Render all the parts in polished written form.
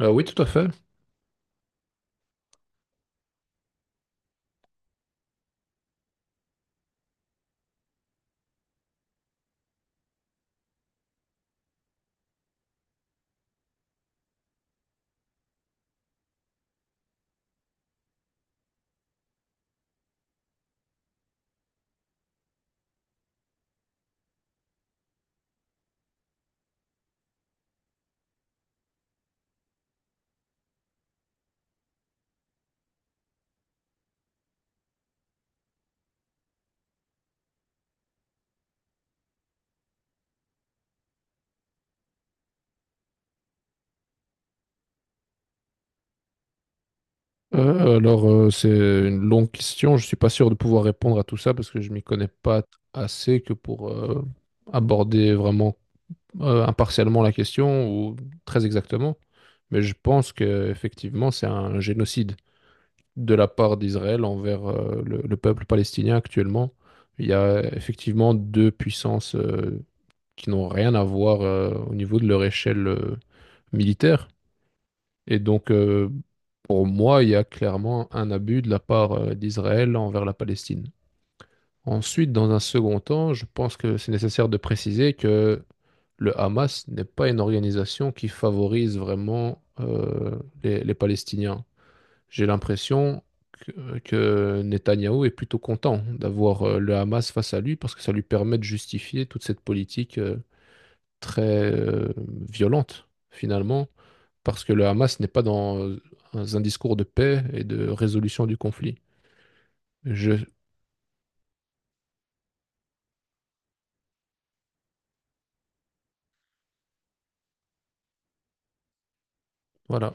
Oui, tout à fait. C'est une longue question. Je suis pas sûr de pouvoir répondre à tout ça parce que je m'y connais pas assez que pour aborder vraiment impartialement la question ou très exactement. Mais je pense que effectivement, c'est un génocide de la part d'Israël envers le peuple palestinien actuellement. Il y a effectivement deux puissances qui n'ont rien à voir au niveau de leur échelle militaire. Et donc, pour moi, il y a clairement un abus de la part d'Israël envers la Palestine. Ensuite, dans un second temps, je pense que c'est nécessaire de préciser que le Hamas n'est pas une organisation qui favorise vraiment les Palestiniens. J'ai l'impression que Netanyahou est plutôt content d'avoir le Hamas face à lui parce que ça lui permet de justifier toute cette politique très violente, finalement parce que le Hamas n'est pas dans un discours de paix et de résolution du conflit. Je, voilà.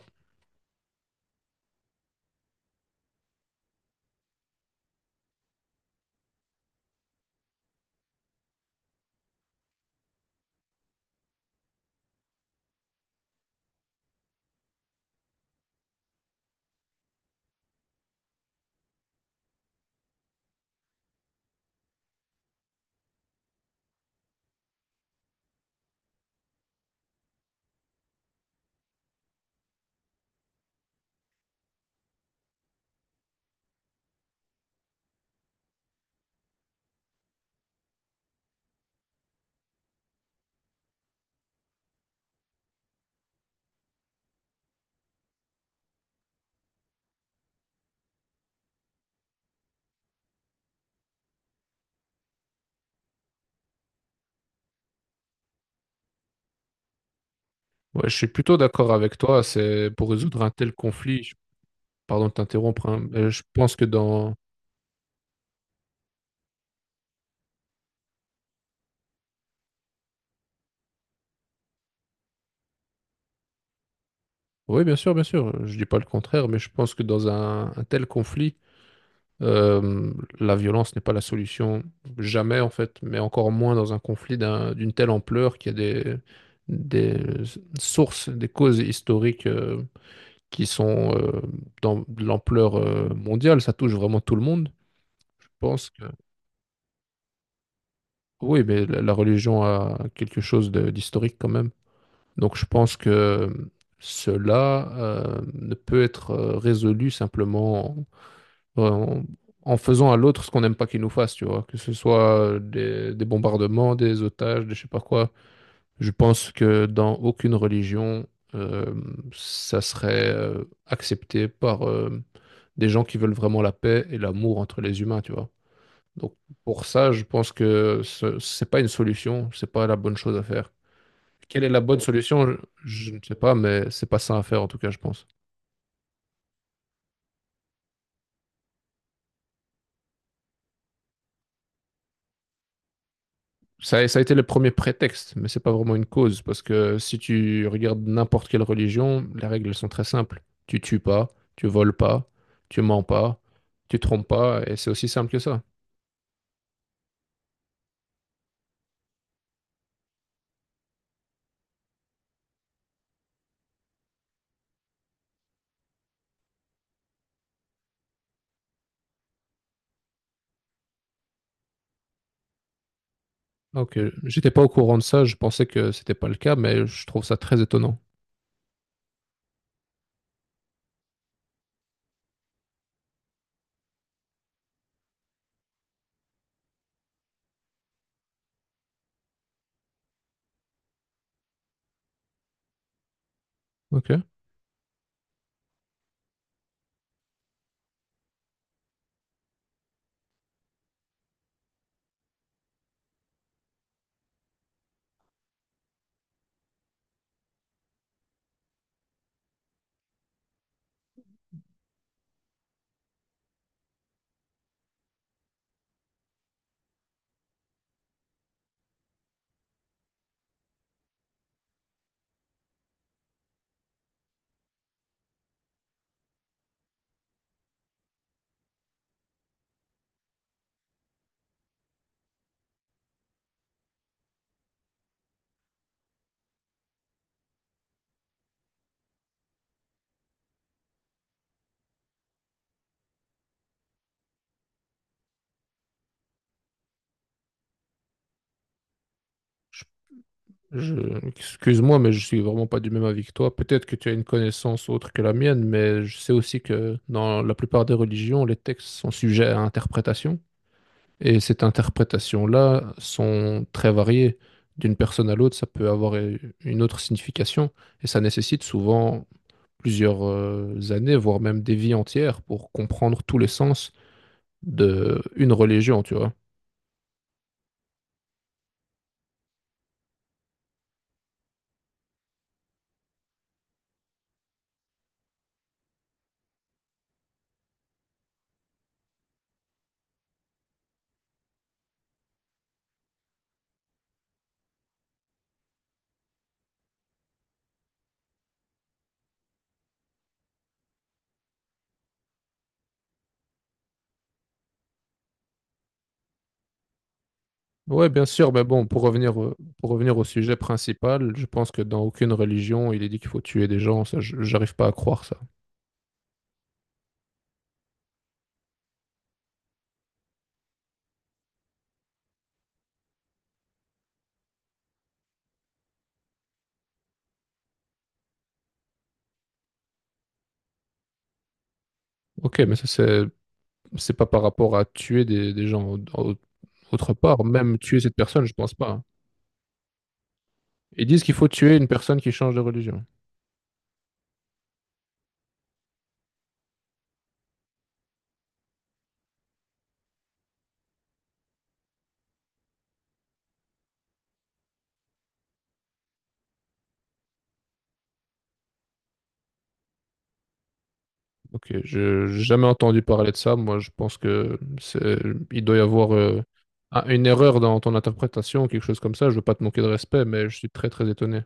Ouais, je suis plutôt d'accord avec toi. C'est pour résoudre un tel conflit. Pardon de t'interrompre, hein, mais je pense que dans. Oui, bien sûr, bien sûr. Je dis pas le contraire, mais je pense que dans un tel conflit, euh, la violence n'est pas la solution. Jamais, en fait, mais encore moins dans un conflit d'une telle ampleur qui a des sources, des causes historiques, qui sont dans de l'ampleur mondiale, ça touche vraiment tout le monde. Je pense que oui, mais la religion a quelque chose d'historique quand même. Donc je pense que cela ne peut être résolu simplement en, en- en faisant à l'autre ce qu'on n'aime pas qu'il nous fasse, tu vois, que ce soit des bombardements, des otages, des je sais pas quoi. Je pense que dans aucune religion, euh, ça serait accepté par des gens qui veulent vraiment la paix et l'amour entre les humains, tu vois. Donc pour ça, je pense que ce n'est pas une solution, c'est pas la bonne chose à faire. Quelle est la bonne solution? Je ne sais pas, mais c'est pas ça à faire en tout cas, je pense. Ça, ça a été le premier prétexte, mais c'est pas vraiment une cause, parce que si tu regardes n'importe quelle religion, les règles elles sont très simples. Tu tues pas, tu voles pas, tu mens pas, tu trompes pas, et c'est aussi simple que ça. Ok, j'étais pas au courant de ça, je pensais que c'était pas le cas, mais je trouve ça très étonnant. Ok. Je- Excuse-moi, mais je suis vraiment pas du même avis que toi. Peut-être que tu as une connaissance autre que la mienne, mais je sais aussi que dans la plupart des religions, les textes sont sujets à interprétation. Et cette interprétation-là sont très variées. D'une personne à l'autre, ça peut avoir une autre signification. Et ça nécessite souvent plusieurs années, voire même des vies entières pour comprendre tous les sens de une religion, tu vois. Ouais, bien sûr, mais bon, pour revenir au sujet principal, je pense que dans aucune religion, il est dit qu'il faut tuer des gens, ça, j'arrive pas à croire ça. Ok, mais ça, c'est pas par rapport à tuer des gens autre part, même tuer cette personne, je pense pas, hein. Ils disent qu'il faut tuer une personne qui change de religion. Ok, j'ai jamais entendu parler de ça, moi je pense que il doit y avoir une erreur dans ton interprétation, quelque chose comme ça, je veux pas te manquer de respect, mais je suis très très étonné.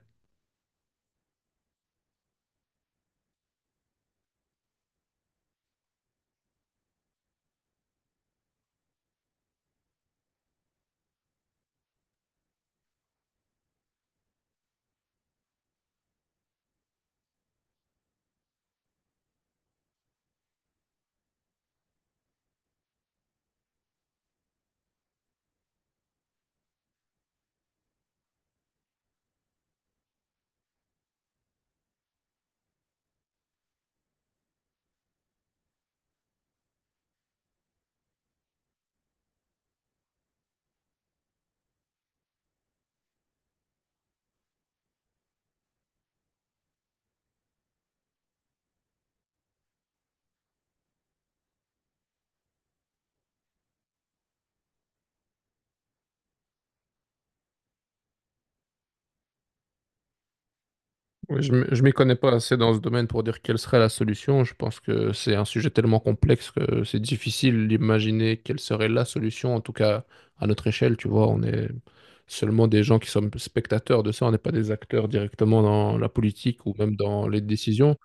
Oui, je ne m'y connais pas assez dans ce domaine pour dire quelle serait la solution. Je pense que c'est un sujet tellement complexe que c'est difficile d'imaginer quelle serait la solution, en tout cas à notre échelle, tu vois. On est seulement des gens qui sommes spectateurs de ça, on n'est pas des acteurs directement dans la politique ou même dans les décisions.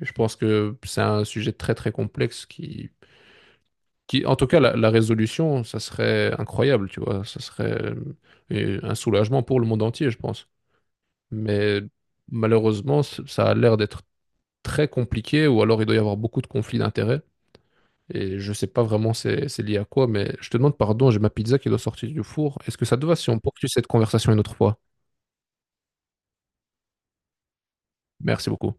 Et je pense que c'est un sujet très très complexe qui en tout cas, la résolution, ça serait incroyable, tu vois. Ça serait un soulagement pour le monde entier, je pense. Mais malheureusement, ça a l'air d'être très compliqué ou alors il doit y avoir beaucoup de conflits d'intérêts. Et je sais pas vraiment c'est lié à quoi, mais je te demande pardon, j'ai ma pizza qui doit sortir du four. Est-ce que ça te va si on poursuit cette conversation une autre fois? Merci beaucoup.